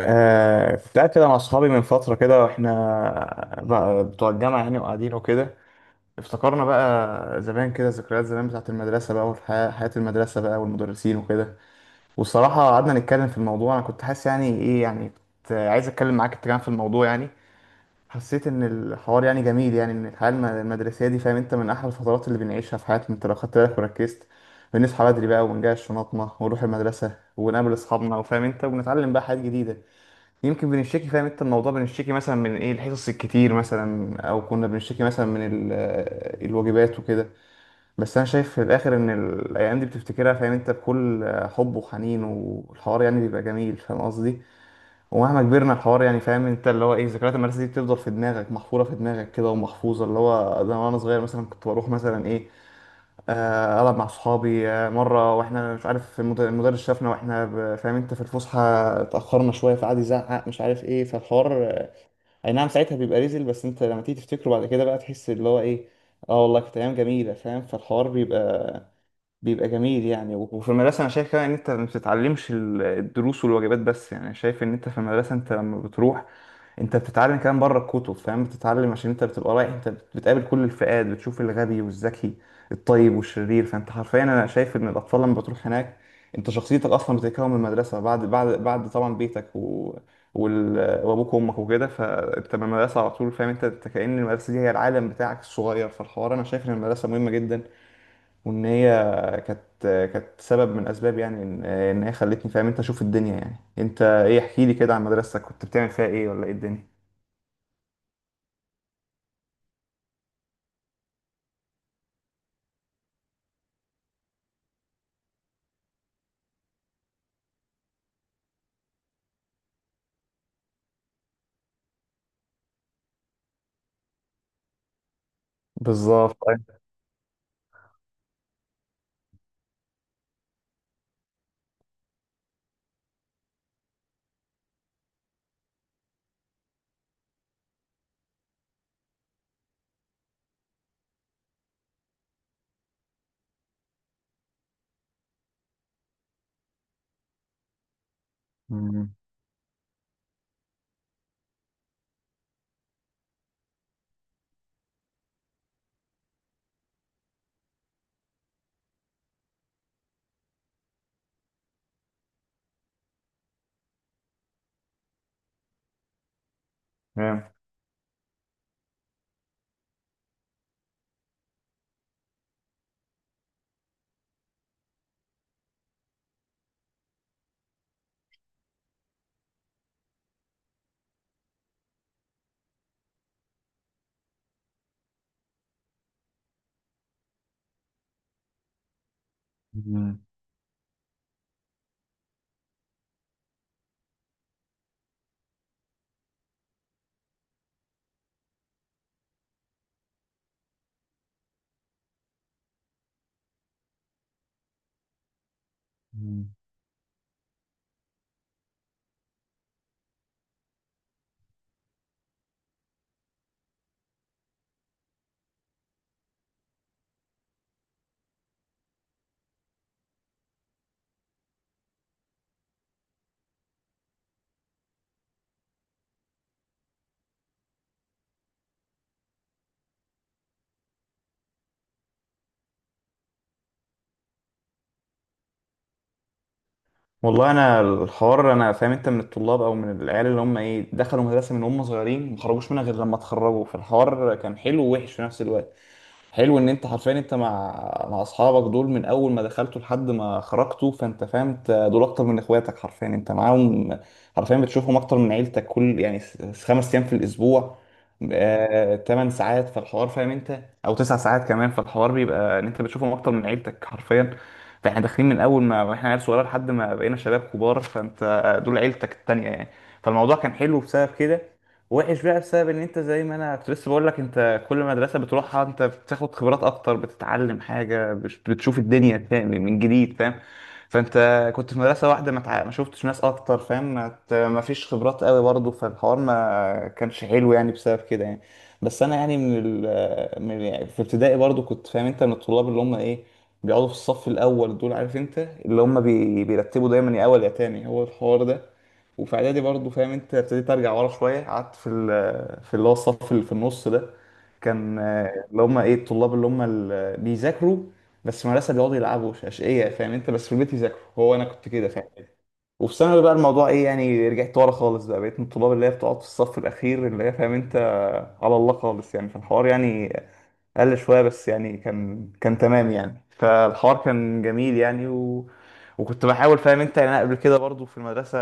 كنت قاعد كده مع أصحابي من فترة كده، وإحنا بقى بتوع الجامعة يعني وقاعدين وكده. افتكرنا بقى زمان كده، ذكريات زمان بتاعة المدرسة بقى وحياة المدرسة بقى والمدرسين وكده. والصراحة قعدنا نتكلم في الموضوع، أنا كنت حاسس يعني إيه، يعني كنت عايز أتكلم معاك أنت كمان في الموضوع يعني. حسيت إن الحوار يعني جميل، يعني إن الحياة المدرسية دي فاهم أنت من أحلى الفترات اللي بنعيشها في حياتنا. أنت لو خدت بالك وركزت، بنصحى بدري بقى ونجهز شنطنا ونروح المدرسة ونقابل أصحابنا وفاهم أنت، وبنتعلم بقى حاجات جديدة. يمكن بنشتكي فاهم انت الموضوع، بنشتكي مثلا من ايه، الحصص الكتير مثلا، او كنا بنشتكي مثلا من الواجبات وكده. بس انا شايف في الاخر ان الايام دي بتفتكرها فاهم انت بكل حب وحنين، والحوار يعني بيبقى جميل فاهم قصدي. ومهما كبرنا الحوار يعني فاهم انت اللي هو ايه، ذكريات المدرسه دي بتفضل في دماغك، محفوره في دماغك كده ومحفوظه اللي هو ده. وانا صغير مثلا كنت بروح مثلا ايه، ألعب مع صحابي. مرة وإحنا مش عارف المدرس شافنا وإحنا فاهم أنت في الفسحة، اتأخرنا شوية فقعد يزعق مش عارف إيه. فالحوار أي نعم ساعتها بيبقى ريزل، بس أنت لما تيجي تفتكره بعد كده بقى تحس اللي هو إيه. آه والله كانت أيام جميلة فاهم. فالحوار بيبقى جميل يعني. وفي المدرسة أنا شايف كمان إن أنت ما بتتعلمش الدروس والواجبات بس، يعني شايف إن أنت في المدرسة أنت لما بتروح أنت بتتعلم كمان بره الكتب فاهم. بتتعلم عشان أنت بتبقى رايح، أنت بتقابل كل الفئات، بتشوف الغبي والذكي، الطيب والشرير. فأنت حرفيا أنا شايف إن الأطفال لما بتروح هناك أنت شخصيتك أصلا بتتكون من المدرسة بعد طبعا بيتك وال... وأبوك وأمك وكده. فأنت من المدرسة على طول فاهم أنت، أنت كأن المدرسة دي هي العالم بتاعك الصغير. فالحوار أنا شايف إن المدرسة مهمة جدا، وان هي كانت كانت سبب من اسباب، يعني ان إن هي خلتني فاهم انت اشوف الدنيا يعني. انت ايه، احكي لي كده عن مدرستك، كنت بتعمل فيها ايه ولا ايه الدنيا؟ بالظبط، أيوة. مم. تمام. مم. مم. والله انا الحوار انا فاهم انت من الطلاب او من العيال اللي هم ايه، دخلوا مدرسه من هم صغيرين ما خرجوش منها غير لما اتخرجوا. فالحوار كان حلو ووحش في نفس الوقت. حلو ان انت حرفيا انت مع مع اصحابك دول من اول ما دخلتوا لحد ما خرجتوا، فانت فاهم انت دول اكتر من اخواتك حرفيا. انت معاهم حرفيا بتشوفهم اكتر من عيلتك، كل يعني 5 ايام في الاسبوع، 8 ساعات في الحوار فاهم انت، او 9 ساعات كمان في الحوار. بيبقى ان انت بتشوفهم اكتر من عيلتك حرفيا. فاحنا داخلين من اول ما احنا عيال صغيره لحد ما بقينا شباب كبار، فانت دول عيلتك التانية يعني. فالموضوع كان حلو بسبب كده. وحش بقى بسبب ان انت زي ما انا كنت لسه بقول لك، انت كل مدرسه بتروحها انت بتاخد خبرات اكتر، بتتعلم حاجه، بتشوف الدنيا فاهم من جديد فاهم. فانت كنت في مدرسه واحده، ما شفتش ناس اكتر فاهم، ما فيش خبرات قوي برضه. فالحوار ما كانش حلو يعني بسبب كده يعني. بس انا يعني من يعني في ابتدائي برضه كنت فاهم انت من الطلاب اللي هم ايه، بيقعدوا في الصف الاول، دول عارف انت اللي هم بيرتبوا دايما يا اول يا تاني هو الحوار ده. وفي اعدادي برضه فاهم انت ابتديت ارجع ورا شويه، قعدت في في اللي هو الصف اللي في النص ده. كان اللي هم ايه الطلاب اللي هم اللي بيذاكروا بس مدرسه، بيقعدوا يلعبوا اشقياء فاهم انت، بس في البيت يذاكروا. هو انا كنت كده فاهم. وفي ثانوي بقى الموضوع ايه يعني، رجعت ورا خالص بقى، بقيت من الطلاب اللي هي بتقعد في الصف الاخير اللي هي فاهم انت على الله خالص يعني في الحوار يعني، قل شوية بس يعني، كان تمام يعني. فالحوار كان جميل يعني وكنت بحاول فاهم انت يعني. انا قبل كده برضو في المدرسة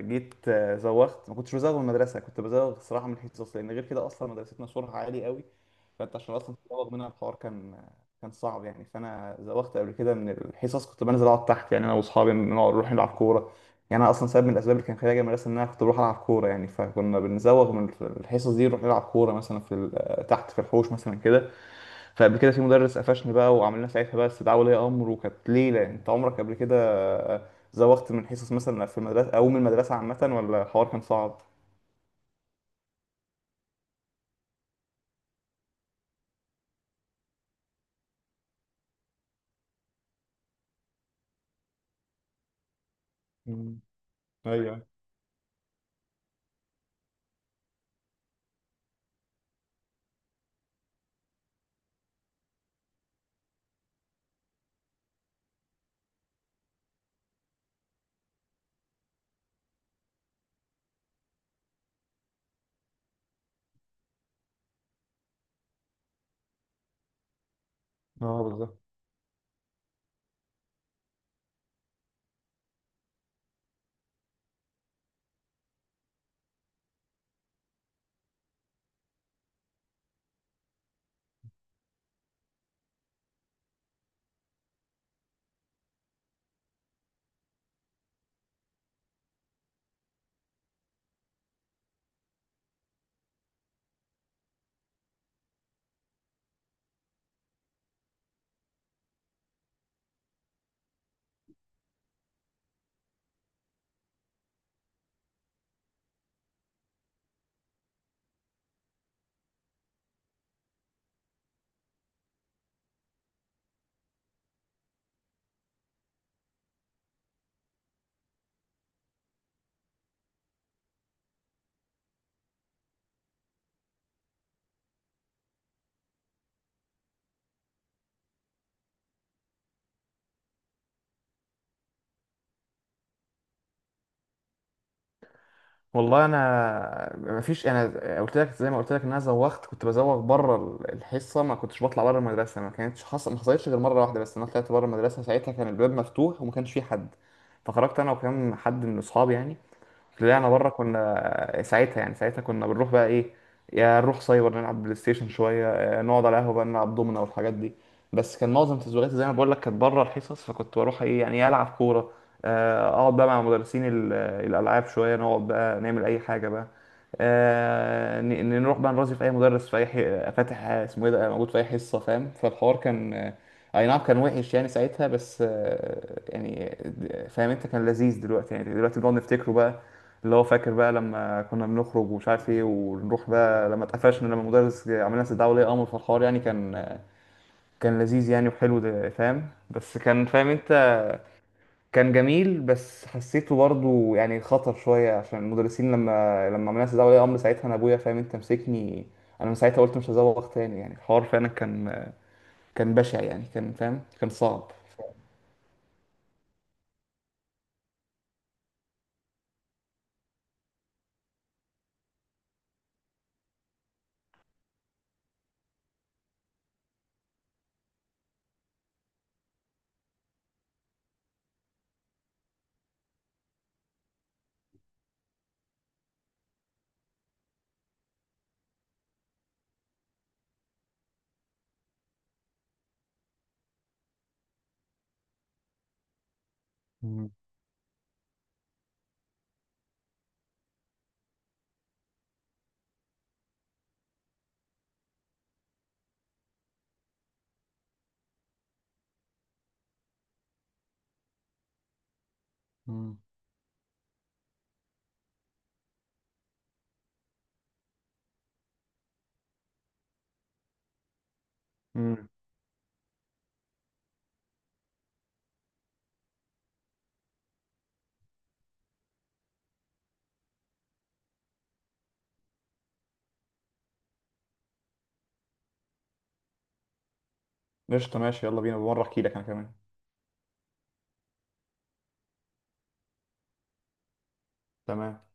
جيت زوغت. ما كنتش بزوغ من المدرسة، كنت بزوغ صراحة من الحصص، لأن غير كده أصلا مدرستنا سورها عالي قوي. فأنت عشان أصلا تزوغ منها الحوار كان صعب يعني. فأنا زوغت قبل كده من الحصص، كنت بنزل أقعد تحت يعني، أنا وأصحابي نقعد نروح نلعب كورة يعني. أنا أصلا سبب من الأسباب اللي كان خلاني أجي من المدرسة إن أنا كنت بروح ألعب كورة يعني، فكنا بنزوغ من الحصص دي نروح نلعب كورة مثلا في تحت في الحوش مثلا كده. فقبل كده في مدرس قفشني بقى، وعملنا ساعتها بقى استدعاء ولي امر، وكانت ليله. انت عمرك قبل كده زوغت من حصص مثلا في المدرسه او من المدرسه عامه، ولا الحوار كان صعب؟ مم. ايوه. اه بالظبط. والله انا مفيش، انا قلت لك زي ما قلت لك ان انا زوغت، كنت بزوغ بره الحصه، ما كنتش بطلع بره المدرسه. ما كانتش حصل ما حصلتش غير مره واحده، بس انا طلعت بره المدرسه ساعتها كان الباب مفتوح وما كانش فيه حد. فخرجت انا وكام حد من اصحابي يعني، طلعنا بره. كنا ساعتها يعني ساعتها كنا بنروح بقى ايه، يا نروح سايبر نلعب بلاي ستيشن شويه، نقعد على قهوه بقى نلعب دومنا والحاجات دي. بس كان معظم تزويغاتي زي ما بقول لك كانت بره الحصص، فكنت بروح ايه يعني إيه، العب كوره، اقعد بقى مع مدرسين الالعاب شويه، نقعد بقى نعمل اي حاجه بقى. نروح بقى نرازي في اي مدرس في اي فاتح اسمه ايه ده موجود في اي حصه فاهم. فالحوار كان اي نعم كان وحش يعني ساعتها، بس يعني فاهم انت كان لذيذ. دلوقتي يعني دلوقتي بنقعد نفتكره بقى، اللي هو فاكر بقى لما كنا بنخرج ومش عارف ايه، ونروح بقى لما اتقفشنا لما المدرس عمل لنا استدعاء ولي امر. في الحوار يعني كان لذيذ يعني وحلو ده فاهم. بس كان فاهم انت كان جميل. بس حسيته برضه يعني خطر شويه، عشان المدرسين لما عملنا استدعاء ولي امر ساعتها انا ابويا فاهم انت مسكني. انا من ساعتها قلت مش هزوغ تاني يعني. الحوار فعلا كان بشع يعني، كان فاهم كان صعب. مم. مم. امم. قشطه، ماشي، يلا بينا بمره احكي لك انا كمان. تمام.